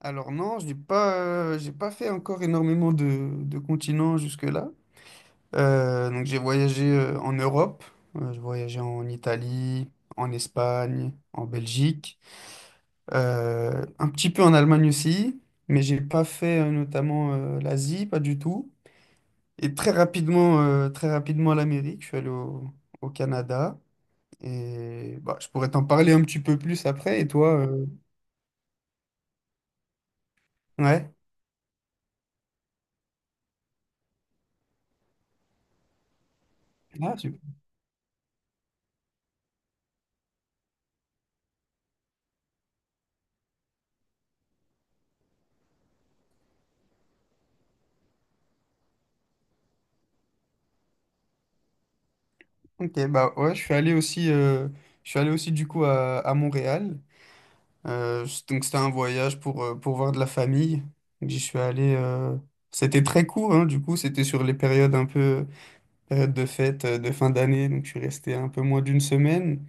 Alors non, je n'ai pas, j'ai pas fait encore énormément de continents jusque-là. Donc j'ai voyagé en Europe, j'ai voyagé en Italie, en Espagne, en Belgique, un petit peu en Allemagne aussi, mais j'ai pas fait notamment l'Asie, pas du tout. Et très rapidement l'Amérique, je suis allé au Canada. Et bah, je pourrais t'en parler un petit peu plus après. Et toi, ouais. Ah, super. Ok, bah ouais, je suis allé aussi, je suis allé aussi du coup à Montréal. Donc c'était un voyage pour voir de la famille. Donc, j'y suis allé. C'était très court, hein, du coup, c'était sur les périodes un peu période de fête, de fin d'année. Donc je suis resté un peu moins d'une semaine.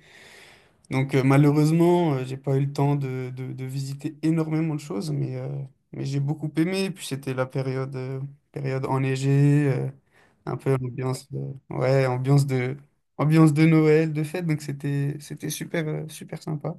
Malheureusement, j'ai pas eu le temps de visiter énormément de choses, mais j'ai beaucoup aimé. Puis c'était la période, période enneigée. Un peu ambiance, ouais, ambiance de Noël, de fête, donc c'était, c'était super, super sympa.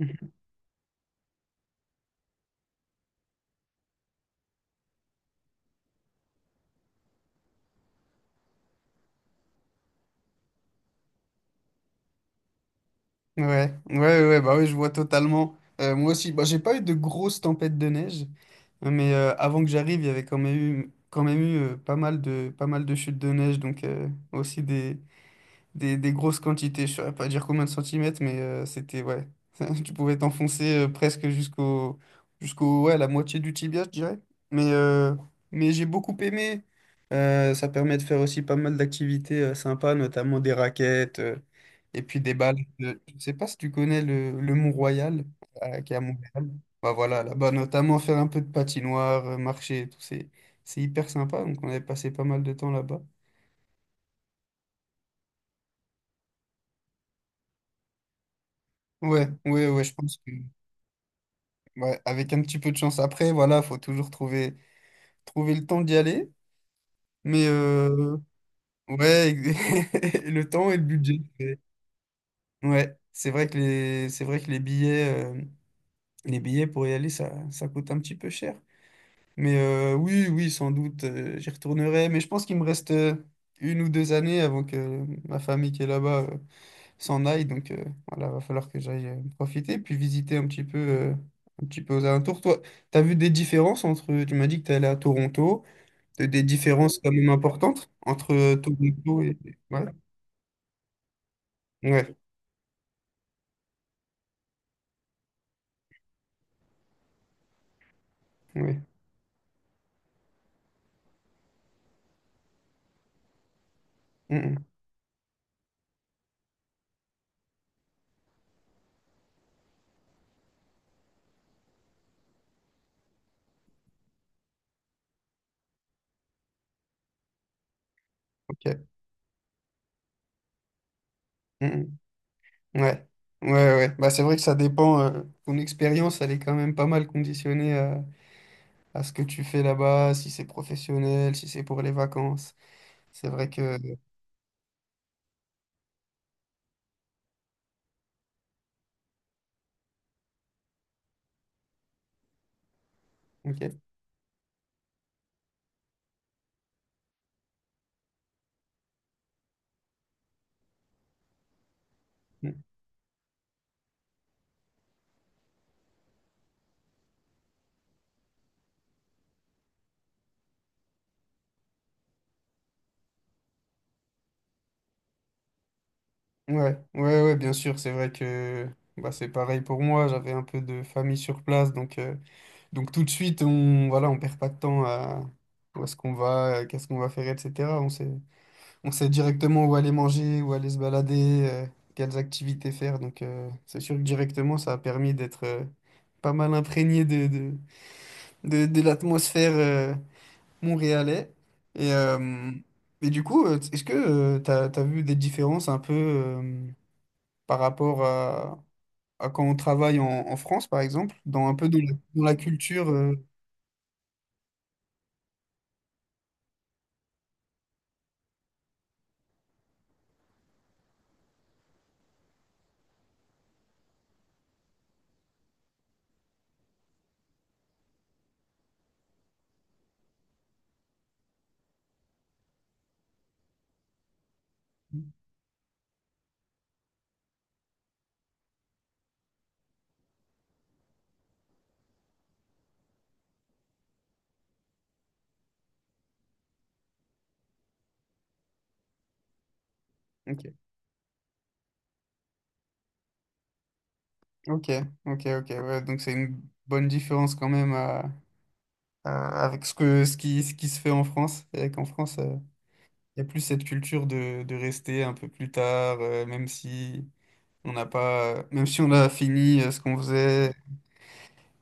Ouais, ouais, ouais, bah oui, je vois totalement. Moi aussi, bah, j'ai pas eu de grosses tempêtes de neige, hein, mais avant que j'arrive, il y avait quand même eu, quand même eu, pas mal de, pas mal de chutes de neige, donc aussi des grosses quantités. Je ne saurais pas dire combien de centimètres, mais c'était, ouais. Tu pouvais t'enfoncer presque jusqu'au, ouais, la moitié du tibia, je dirais. Mais, euh, mais j'ai beaucoup aimé. Ça permet de faire aussi pas mal d'activités sympas, notamment des raquettes et puis des balles. Je ne sais pas si tu connais le Mont-Royal qui est à Montréal. Bah voilà, là-bas, notamment faire un peu de patinoire, marcher et tout. C'est hyper sympa. Donc, on avait passé pas mal de temps là-bas. Ouais, ouais, ouais, je pense que. Ouais, avec un petit peu de chance après, voilà, faut toujours trouver le temps d'y aller. Mais ouais, le temps et le budget. Mais ouais, c'est vrai que les, c'est vrai que euh, les billets pour y aller, ça coûte un petit peu cher. Mais oui, oui, sans doute, j'y retournerai. Mais je pense qu'il me reste une ou deux années avant que ma famille qui est là-bas s'en aille. Voilà, va falloir que j'aille profiter, puis visiter un petit peu aux alentours. Toi, t'as vu des différences entre, tu m'as dit que tu allé à Toronto, t'as des différences quand même importantes entre Toronto et... Ouais, ouais, ouais. Mm, mm, ok. Mm, mm. Ouais. Ouais, ouais. Bah, c'est vrai que ça dépend. Ton expérience, elle est quand même pas mal conditionnée à ce que tu fais là-bas, si c'est professionnel, si c'est pour les vacances. C'est vrai que... Ok. Hum, ouais, ouais, ouais, bien sûr, c'est vrai que bah, c'est pareil pour moi, j'avais un peu de famille sur place, donc tout de suite, on voilà, on perd pas de temps à où est-ce qu'on va, qu'est-ce qu'on va faire, etc. On sait directement où aller manger, où aller se balader, quelles activités faire, donc c'est sûr que directement, ça a permis d'être pas mal imprégné de l'atmosphère montréalais. Et, euh, et du coup, est-ce que tu as vu des différences un peu... par rapport à quand on travaille en, en France, par exemple, dans un peu dans la culture. Ok, ok, ok, ok, ouais, donc c'est une bonne différence quand même avec ce que, ce qui se fait en France. Et qu'en France, il y a plus cette culture de rester un peu plus tard, même si on n'a pas, même si on a fini ce qu'on faisait.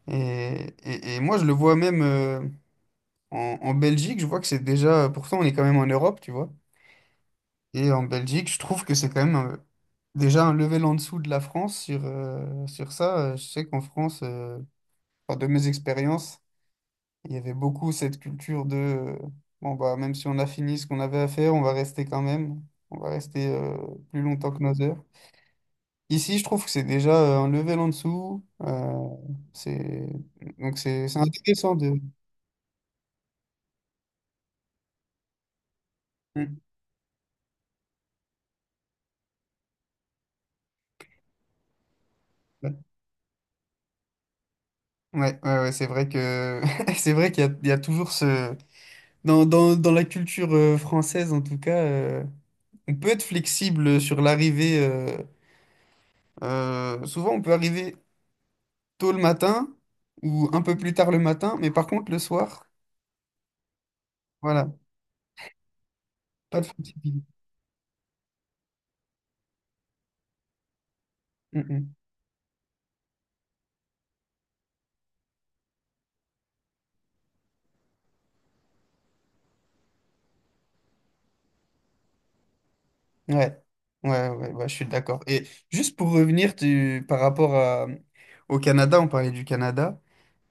Et moi, je le vois même en, en Belgique, je vois que c'est déjà, pourtant on est quand même en Europe, tu vois. Et en Belgique, je trouve que c'est quand même déjà un level en dessous de la France sur, sur ça. Je sais qu'en France, enfin, de mes expériences, il y avait beaucoup cette culture de bon bah même si on a fini ce qu'on avait à faire, on va rester quand même, on va rester plus longtemps que nos heures. Ici, je trouve que c'est déjà un level en dessous. C'est donc c'est intéressant de. Mm. Ouais, ouais, ouais, c'est vrai que c'est vrai qu'il y a, il y a toujours ce dans, dans, dans la culture française, en tout cas, on peut être flexible sur l'arrivée. Souvent, on peut arriver tôt le matin ou un peu plus tard le matin, mais par contre, le soir, voilà, pas de flexibilité. Mm, mm. Ouais, ouais, ouais, ouais, je suis d'accord. Et juste pour revenir par rapport à- au Canada, on parlait du Canada.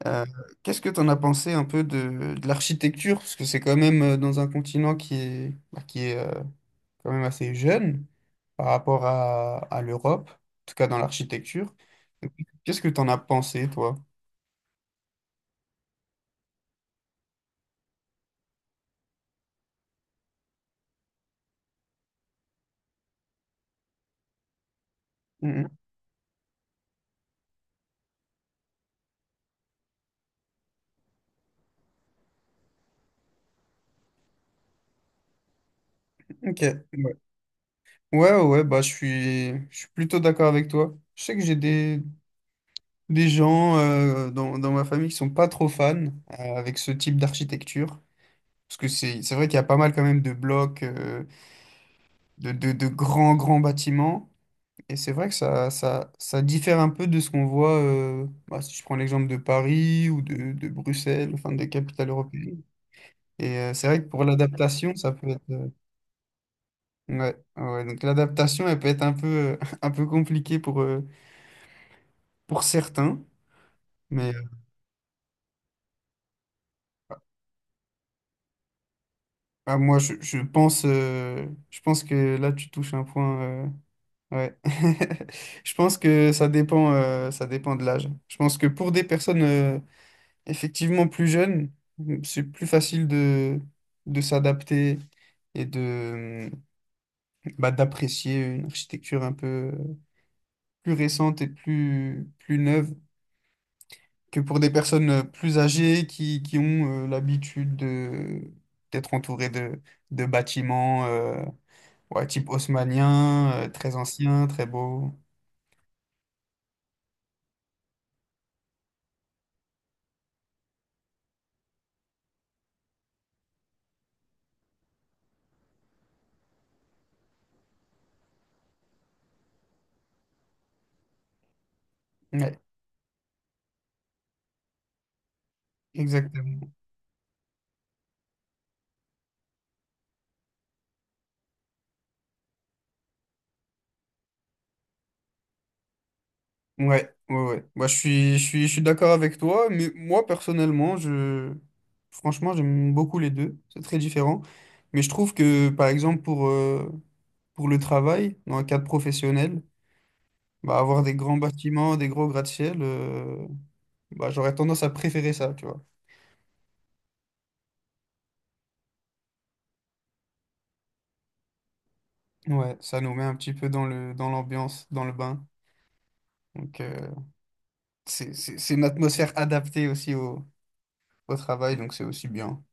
euh, Qu'est-ce que tu en as pensé un peu de l'architecture? Parce que c'est quand même dans un continent qui est, bah, qui est quand même assez jeune. Par rapport à l'Europe, en tout cas dans l'architecture. Qu'est-ce que tu en as pensé, toi? Mhm. Ok. Ouais, ouais, ouais, bah, je suis plutôt d'accord avec toi. Je sais que j'ai des gens dans, dans ma famille qui sont pas trop fans avec ce type d'architecture. Parce que c'est vrai qu'il y a pas mal quand même de blocs, de grands, grands bâtiments. Et c'est vrai que ça diffère un peu de ce qu'on voit, bah, si je prends l'exemple de Paris ou de Bruxelles, enfin des capitales européennes. Et c'est vrai que pour l'adaptation, ça peut être. Ouais, ouais. Donc l'adaptation, elle peut être un peu, un peu compliquée pour certains. Mais ah, moi, je pense que là, tu touches un point. Ouais. Je pense que ça dépend de l'âge. Je pense que pour des personnes effectivement plus jeunes, c'est plus facile de s'adapter et de, bah, d'apprécier une architecture un peu plus récente et plus, plus neuve. Que pour des personnes plus âgées qui ont l'habitude de d'être entourées de bâtiments ouais, type haussmannien, très anciens, très beaux. Ouais, exactement. Ouais, ouais, ouais. Moi, je suis, je suis, je suis d'accord avec toi, mais moi, personnellement, je... franchement, j'aime beaucoup les deux. C'est très différent. Mais je trouve que, par exemple, pour le travail, dans le cadre professionnel, bah, avoir des grands bâtiments, des gros gratte-ciel, bah, j'aurais tendance à préférer ça, tu vois. Ouais, ça nous met un petit peu dans le, dans l'ambiance, dans le bain. Donc, c'est une atmosphère adaptée aussi au, au travail, donc c'est aussi bien.